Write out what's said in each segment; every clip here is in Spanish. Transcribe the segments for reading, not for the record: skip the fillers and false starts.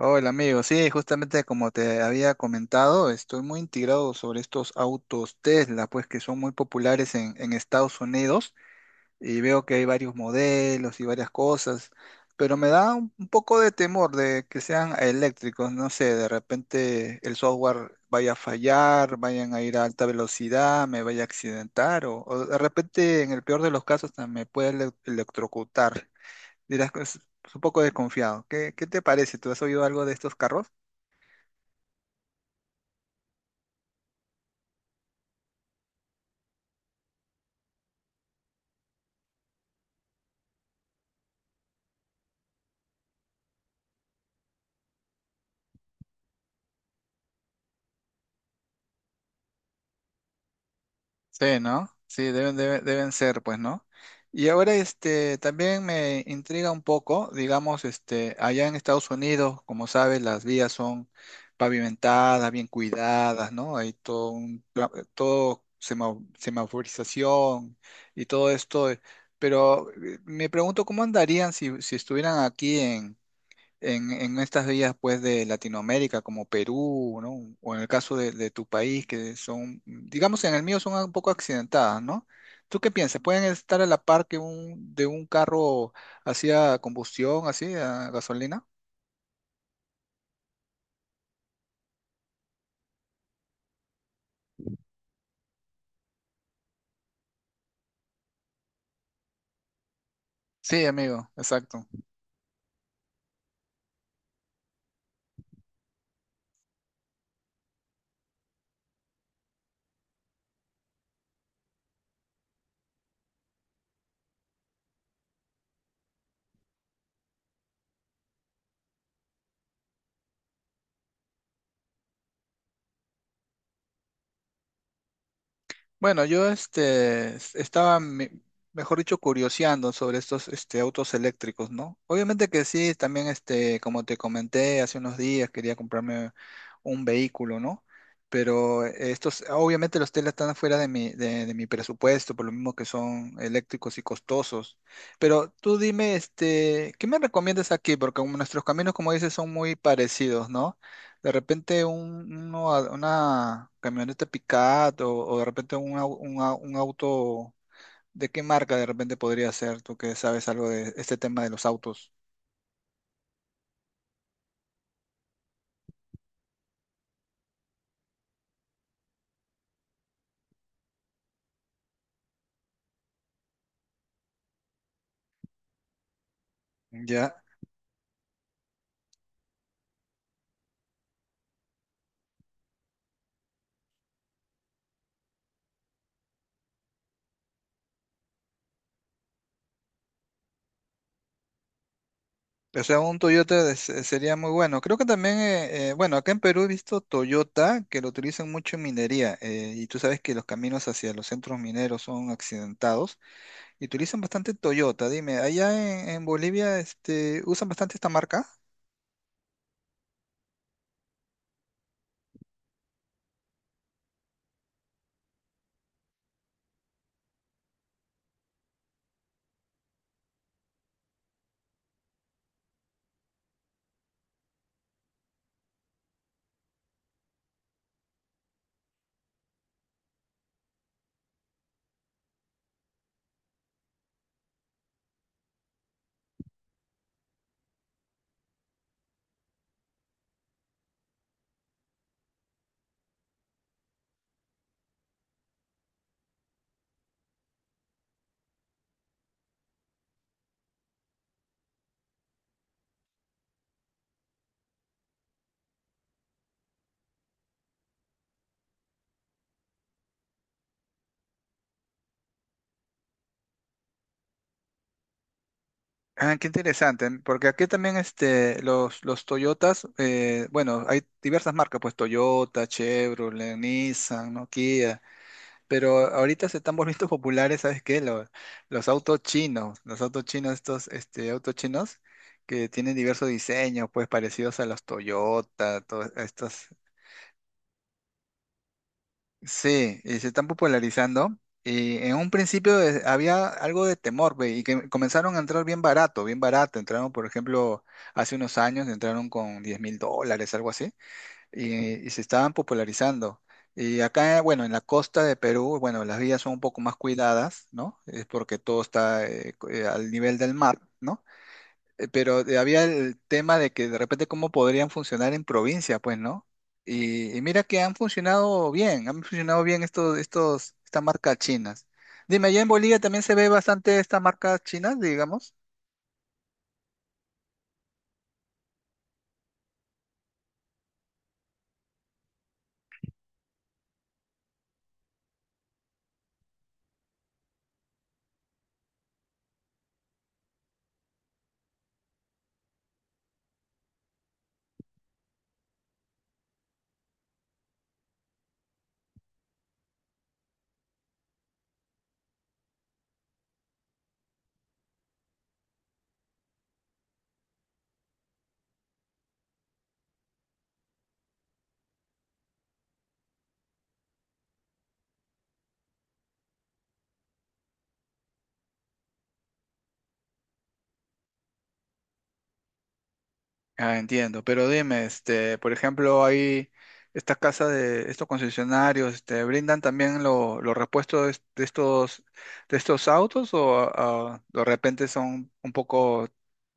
Hola amigo, sí, justamente como te había comentado, estoy muy integrado sobre estos autos Tesla, pues que son muy populares en Estados Unidos y veo que hay varios modelos y varias cosas, pero me da un poco de temor de que sean eléctricos, no sé, de repente el software vaya a fallar, vayan a ir a alta velocidad, me vaya a accidentar o de repente en el peor de los casos hasta me puede electrocutar. Dirás que es un poco desconfiado. Qué te parece? ¿Tú has oído algo de estos carros? Sí, ¿no? Sí, deben ser, pues, ¿no? Y ahora, este, también me intriga un poco, digamos, este, allá en Estados Unidos, como sabes, las vías son pavimentadas, bien cuidadas, ¿no? Hay todo semaforización y todo esto, pero me pregunto cómo andarían si estuvieran aquí en estas vías pues de Latinoamérica como Perú, ¿no? O en el caso de tu país que son, digamos en el mío son un poco accidentadas, ¿no? ¿Tú qué piensas? ¿Pueden estar a la par que un, de un carro hacia combustión, así, a gasolina? Sí, amigo, exacto. Bueno, yo este, mejor dicho, curioseando sobre estos este, autos eléctricos, ¿no? Obviamente que sí, también este, como te comenté hace unos días, quería comprarme un vehículo, ¿no? Pero estos, obviamente los Tesla están fuera de mi, de mi presupuesto, por lo mismo que son eléctricos y costosos. Pero tú dime, este, ¿qué me recomiendas aquí? Porque como nuestros caminos, como dices, son muy parecidos, ¿no? De repente una camioneta pickup o de repente un auto, ¿de qué marca de repente podría ser? Tú que sabes algo de este tema de los autos. Ya, o sea, un Toyota sería muy bueno. Creo que también, bueno, acá en Perú he visto Toyota que lo utilizan mucho en minería y tú sabes que los caminos hacia los centros mineros son accidentados y utilizan bastante Toyota. Dime, ¿allá en Bolivia este, usan bastante esta marca? Ah, qué interesante, porque aquí también este, los Toyotas, bueno, hay diversas marcas, pues Toyota, Chevrolet, Nissan, ¿no? Kia, pero ahorita se están volviendo populares, ¿sabes qué? Los autos chinos, estos este, autos chinos que tienen diversos diseños, pues parecidos a los Toyota, todos estos. Sí, y se están popularizando. Y en un principio había algo de temor, ve, y que comenzaron a entrar bien barato, bien barato. Entraron, por ejemplo, hace unos años, entraron con $10.000, algo así, y se estaban popularizando. Y acá, bueno, en la costa de Perú, bueno, las vías son un poco más cuidadas, ¿no? Es porque todo está al nivel del mar, ¿no? Eh, pero había el tema de que de repente cómo podrían funcionar en provincia, pues, ¿no? Y mira que han funcionado bien estas marcas chinas. Dime, ¿allá en Bolivia también se ve bastante estas marcas chinas, digamos? Ah, entiendo, pero dime, este, por ejemplo, hay estas casas de estos concesionarios, este, ¿brindan también los repuestos de de estos autos o ah, de repente son un poco,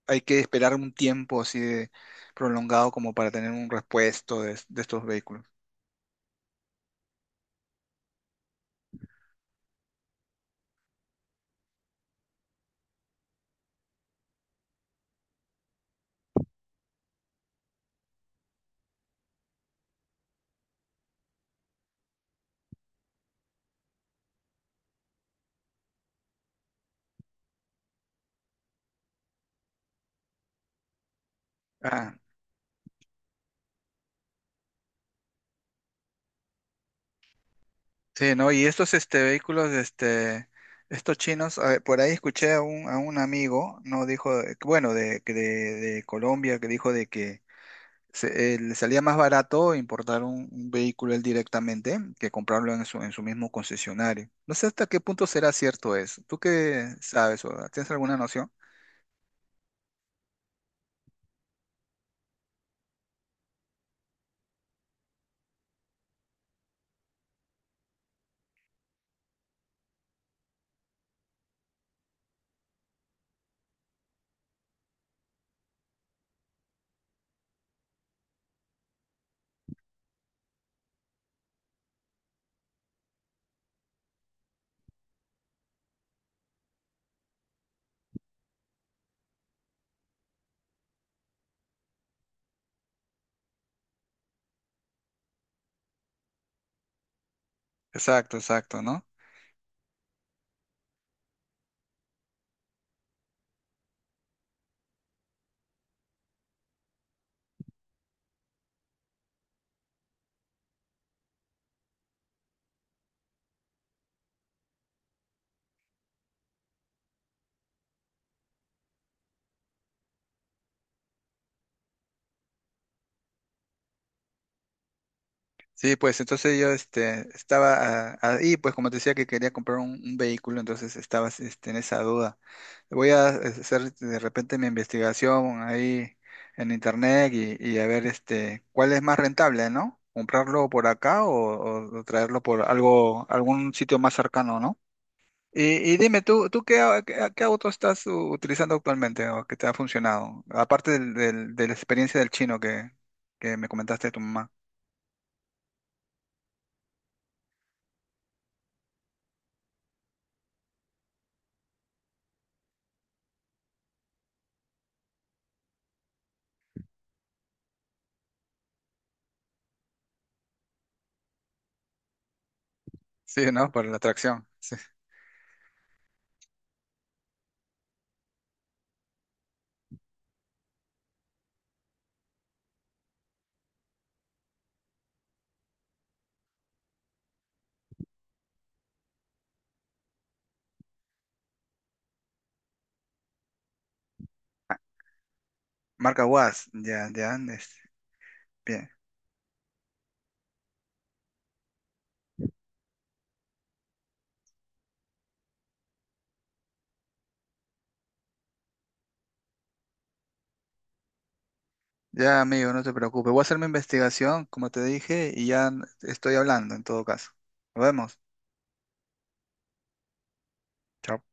hay que esperar un tiempo así de prolongado como para tener un repuesto de estos vehículos? Ah, sí, ¿no? Y estos este, vehículos, este, estos chinos, a ver, por ahí escuché a un amigo, ¿no? Dijo, bueno, de Colombia, que dijo de que le salía más barato importar un vehículo él directamente que comprarlo en su mismo concesionario. No sé hasta qué punto será cierto eso. ¿Tú qué sabes o tienes alguna noción? Exacto, exacto, ¿no? Sí, pues entonces yo este, estaba ah, ahí, pues como te decía que quería comprar un vehículo, entonces estaba este, en esa duda. Voy a hacer de repente mi investigación ahí en internet y a ver este, cuál es más rentable, ¿no? ¿Comprarlo por acá o traerlo por algo, algún sitio más cercano, ¿no? Y dime, tú qué, qué auto estás utilizando actualmente o que te ha funcionado? Aparte de la experiencia del chino que me comentaste de tu mamá. Sí, ¿no? Por la atracción. Sí. Marca WAS. Ya, ya. Este, bien. Ya, amigo, no te preocupes. Voy a hacer mi investigación, como te dije, y ya estoy hablando en todo caso. Nos vemos. Chao.